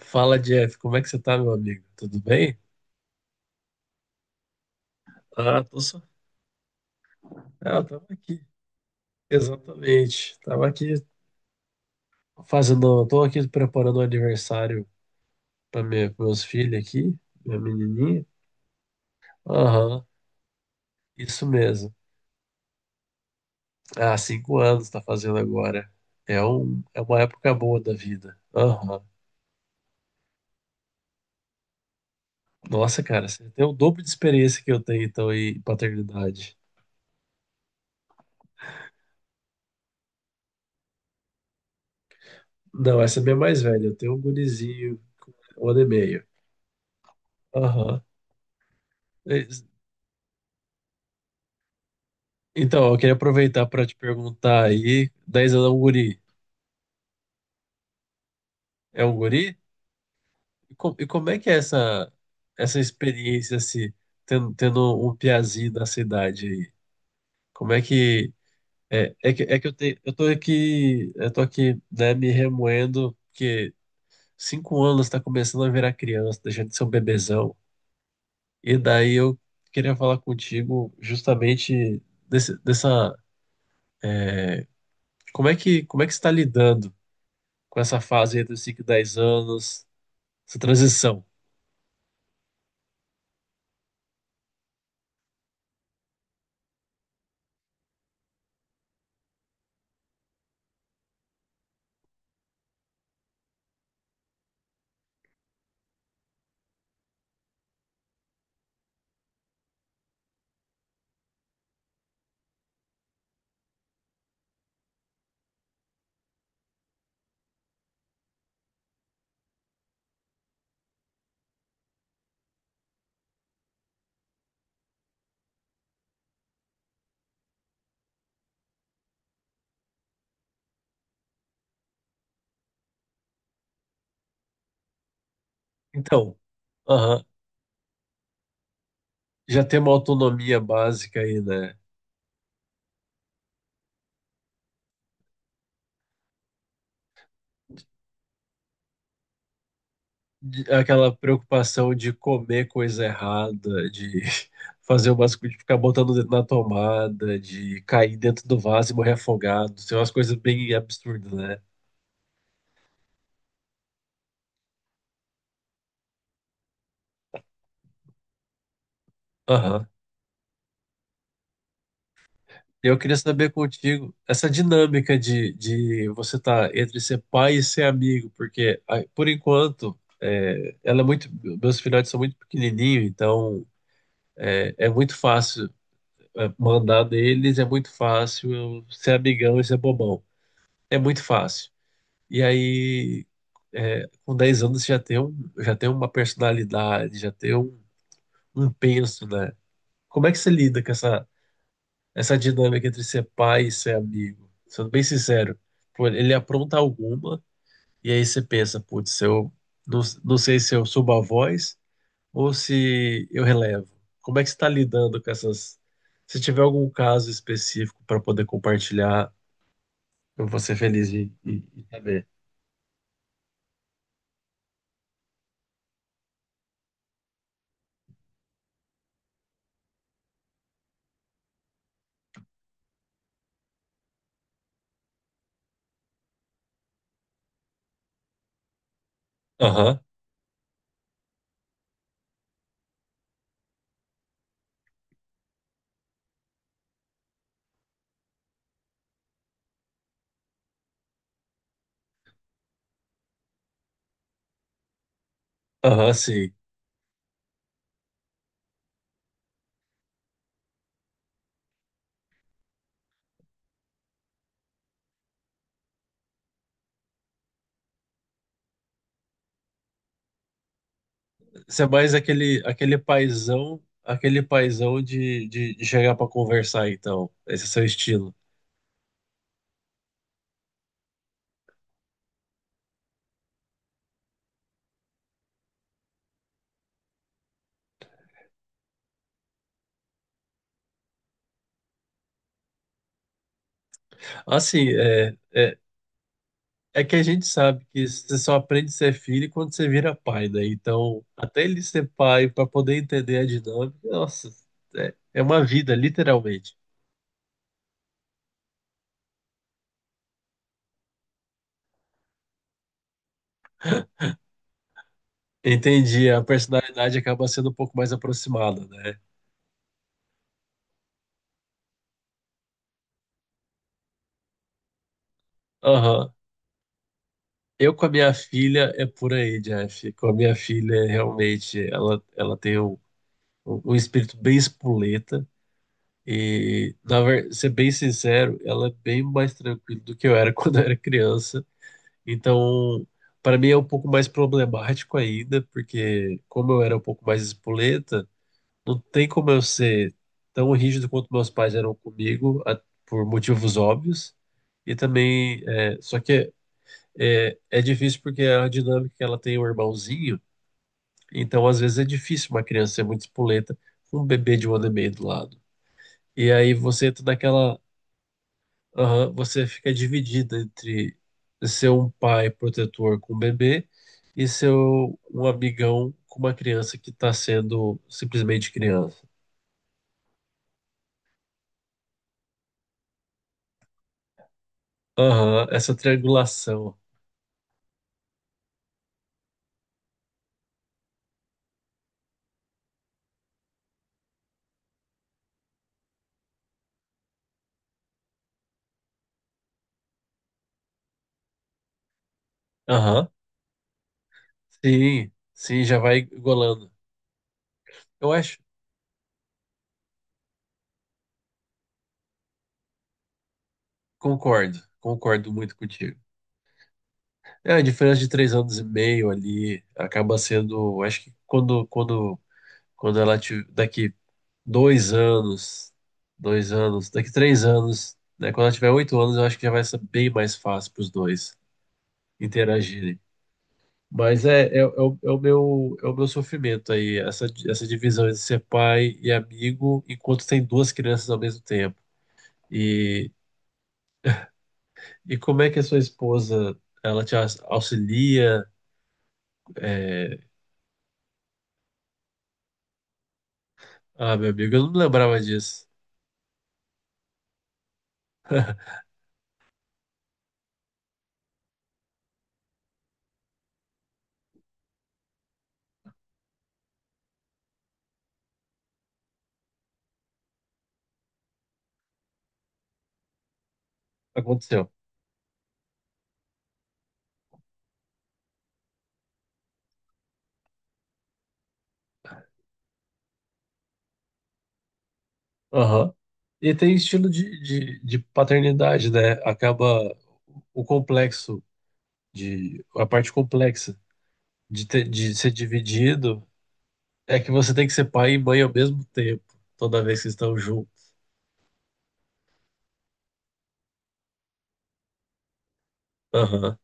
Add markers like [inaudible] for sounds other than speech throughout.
Fala, Jeff, como é que você tá, meu amigo? Tudo bem? Ah, tô só... Ah, eu tava aqui. Exatamente. Tava aqui fazendo, tô aqui preparando o aniversário para meus filhos aqui, minha menininha. Aham, isso mesmo. Ah, cinco anos tá fazendo agora. É uma época boa da vida. Aham. Nossa, cara, você tem o dobro de experiência que eu tenho, então, em paternidade. Não, essa é minha é mais velha. Eu tenho um gurizinho, um ano e meio. Aham. Então, eu queria aproveitar para te perguntar aí, 10 anos é um guri, é um guri? E como é que é essa, essa experiência, assim, tendo um piazinho da cidade aí? Como é que... É que eu tô aqui, né, me remoendo, porque cinco anos tá começando a virar criança, deixando de ser um bebezão. E daí eu queria falar contigo justamente dessa... como é que você tá lidando com essa fase entre os 5 e 10 anos? Essa transição. Então, aham, já tem uma autonomia básica aí, né? Aquela preocupação de comer coisa errada, de [laughs] fazer umas coisas, de ficar botando o dedo na tomada, de cair dentro do vaso e morrer afogado. São umas coisas bem absurdas, né? Aham. Eu queria saber contigo essa dinâmica de você estar entre ser pai e ser amigo, porque ah, por enquanto é, ela é muito, meus filhotes são muito pequenininhos, então É, é muito fácil, é, mandar neles, é muito fácil eu ser amigão e ser bobão. É muito fácil. E aí, é, com 10 anos, você já tem um, já tem uma personalidade, já tem um, um penso, né? Como é que você lida com essa, essa dinâmica entre ser pai e ser amigo? Sendo bem sincero, pô, ele apronta alguma, e aí você pensa, putz, eu não sei se eu subo a voz ou se eu relevo? Como é que você está lidando com essas? Se tiver algum caso específico para poder compartilhar, eu vou ser feliz em, em saber. Aham, aham, sim. Você é mais aquele, aquele paizão de chegar para conversar, então. Esse é seu estilo. Assim, é. É que a gente sabe que você só aprende a ser filho quando você vira pai, né? Então, até ele ser pai, para poder entender a dinâmica, nossa, é, é uma vida, literalmente. Entendi, a personalidade acaba sendo um pouco mais aproximada, né? Aham. Eu com a minha filha é por aí, Jeff. Com a minha filha, realmente, ela tem um, um espírito bem espoleta. E, na verdade, ser bem sincero, ela é bem mais tranquila do que eu era [laughs] quando eu era criança. Então, para mim é um pouco mais problemático ainda, porque como eu era um pouco mais espoleta, não tem como eu ser tão rígido quanto meus pais eram comigo, por motivos óbvios. E também, é, só que é, é difícil porque a dinâmica que ela tem um irmãozinho, então às vezes é difícil uma criança ser muito espoleta com um bebê de um ano e meio do lado. E aí você entra naquela, aham, você fica dividida entre ser um pai protetor com um bebê e ser um amigão com uma criança que está sendo simplesmente criança. Aham, essa triangulação. Aham, sim, sim, já vai golando. Eu acho, concordo, concordo muito contigo. É, a diferença de três anos e meio ali acaba sendo, acho que quando ela te, daqui dois anos. Dois anos. Daqui três anos, né? Quando ela tiver oito anos, eu acho que já vai ser bem mais fácil para os dois interagirem. Mas é, é, é o, é o meu sofrimento aí, essa divisão entre ser pai e amigo, enquanto tem duas crianças ao mesmo tempo. E, e como é que a sua esposa, ela auxilia? É, ah, meu amigo, eu não lembrava disso. Aconteceu. E tem estilo de paternidade, né? Acaba o complexo de, a parte complexa de ter, de ser dividido é que você tem que ser pai e mãe ao mesmo tempo, toda vez que estão juntos. Aham.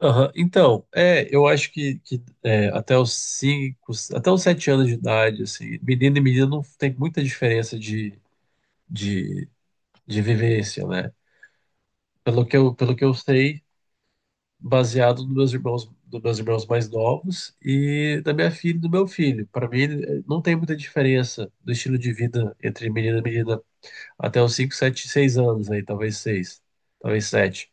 Aham. Então, é, eu acho que é, até os cinco, até os sete anos de idade, assim, menino e menina não tem muita diferença de, de vivência, né? Pelo que eu sei, baseado nos meus irmãos, dos meus irmãos mais novos e da minha filha e do meu filho. Para mim, não tem muita diferença do estilo de vida entre menina e menina até os 5, 7, 6 anos aí, talvez 6, talvez 7.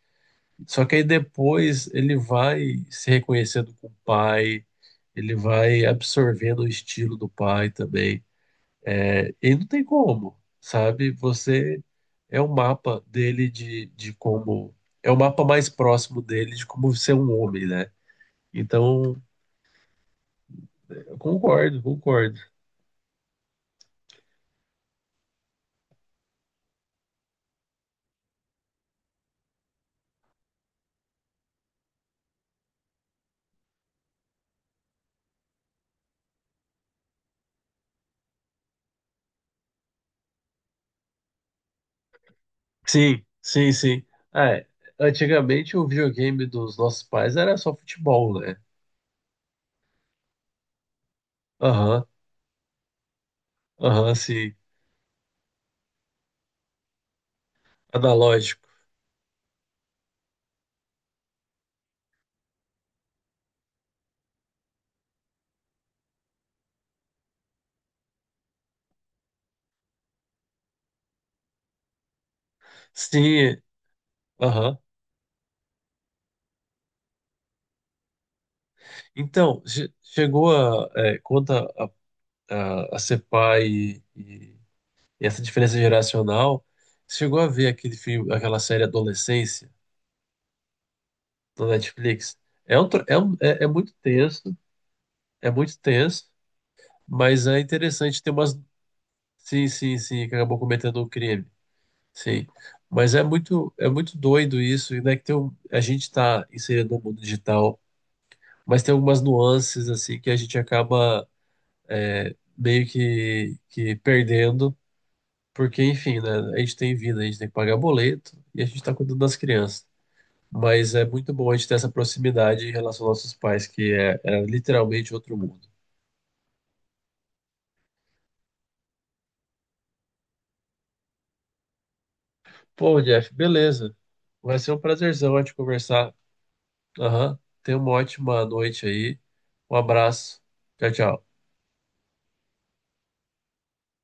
Só que aí depois ele vai se reconhecendo com o pai, ele vai absorvendo o estilo do pai também. E não tem como, sabe? Você é o mapa dele de como. É o mapa mais próximo dele de como ser um homem, né? Então, eu concordo, concordo. Sim, sim, sim. Ah, é, antigamente o videogame dos nossos pais era só futebol, né? Aham, aham, sim. Analógico. Sim, aham. Então, chegou a, é, quanto a, a ser pai e essa diferença geracional, chegou a ver aquele filme, aquela série Adolescência, da Netflix. É, um, é é muito tenso, mas é interessante ter umas, sim, sim, sim, que acabou cometendo um crime. Sim. Mas é muito doido isso, e né, que tem um, a gente está inserido no mundo digital, mas tem algumas nuances assim que a gente acaba meio que perdendo, porque enfim, né, a gente tem vida, a gente tem que pagar boleto e a gente está cuidando das crianças. Mas é muito bom a gente ter essa proximidade em relação aos nossos pais, que é, é literalmente outro mundo. Pô, Jeff, beleza. Vai ser um prazerzão a gente conversar. Aham. Tenha uma ótima noite aí. Um abraço. Tchau, tchau.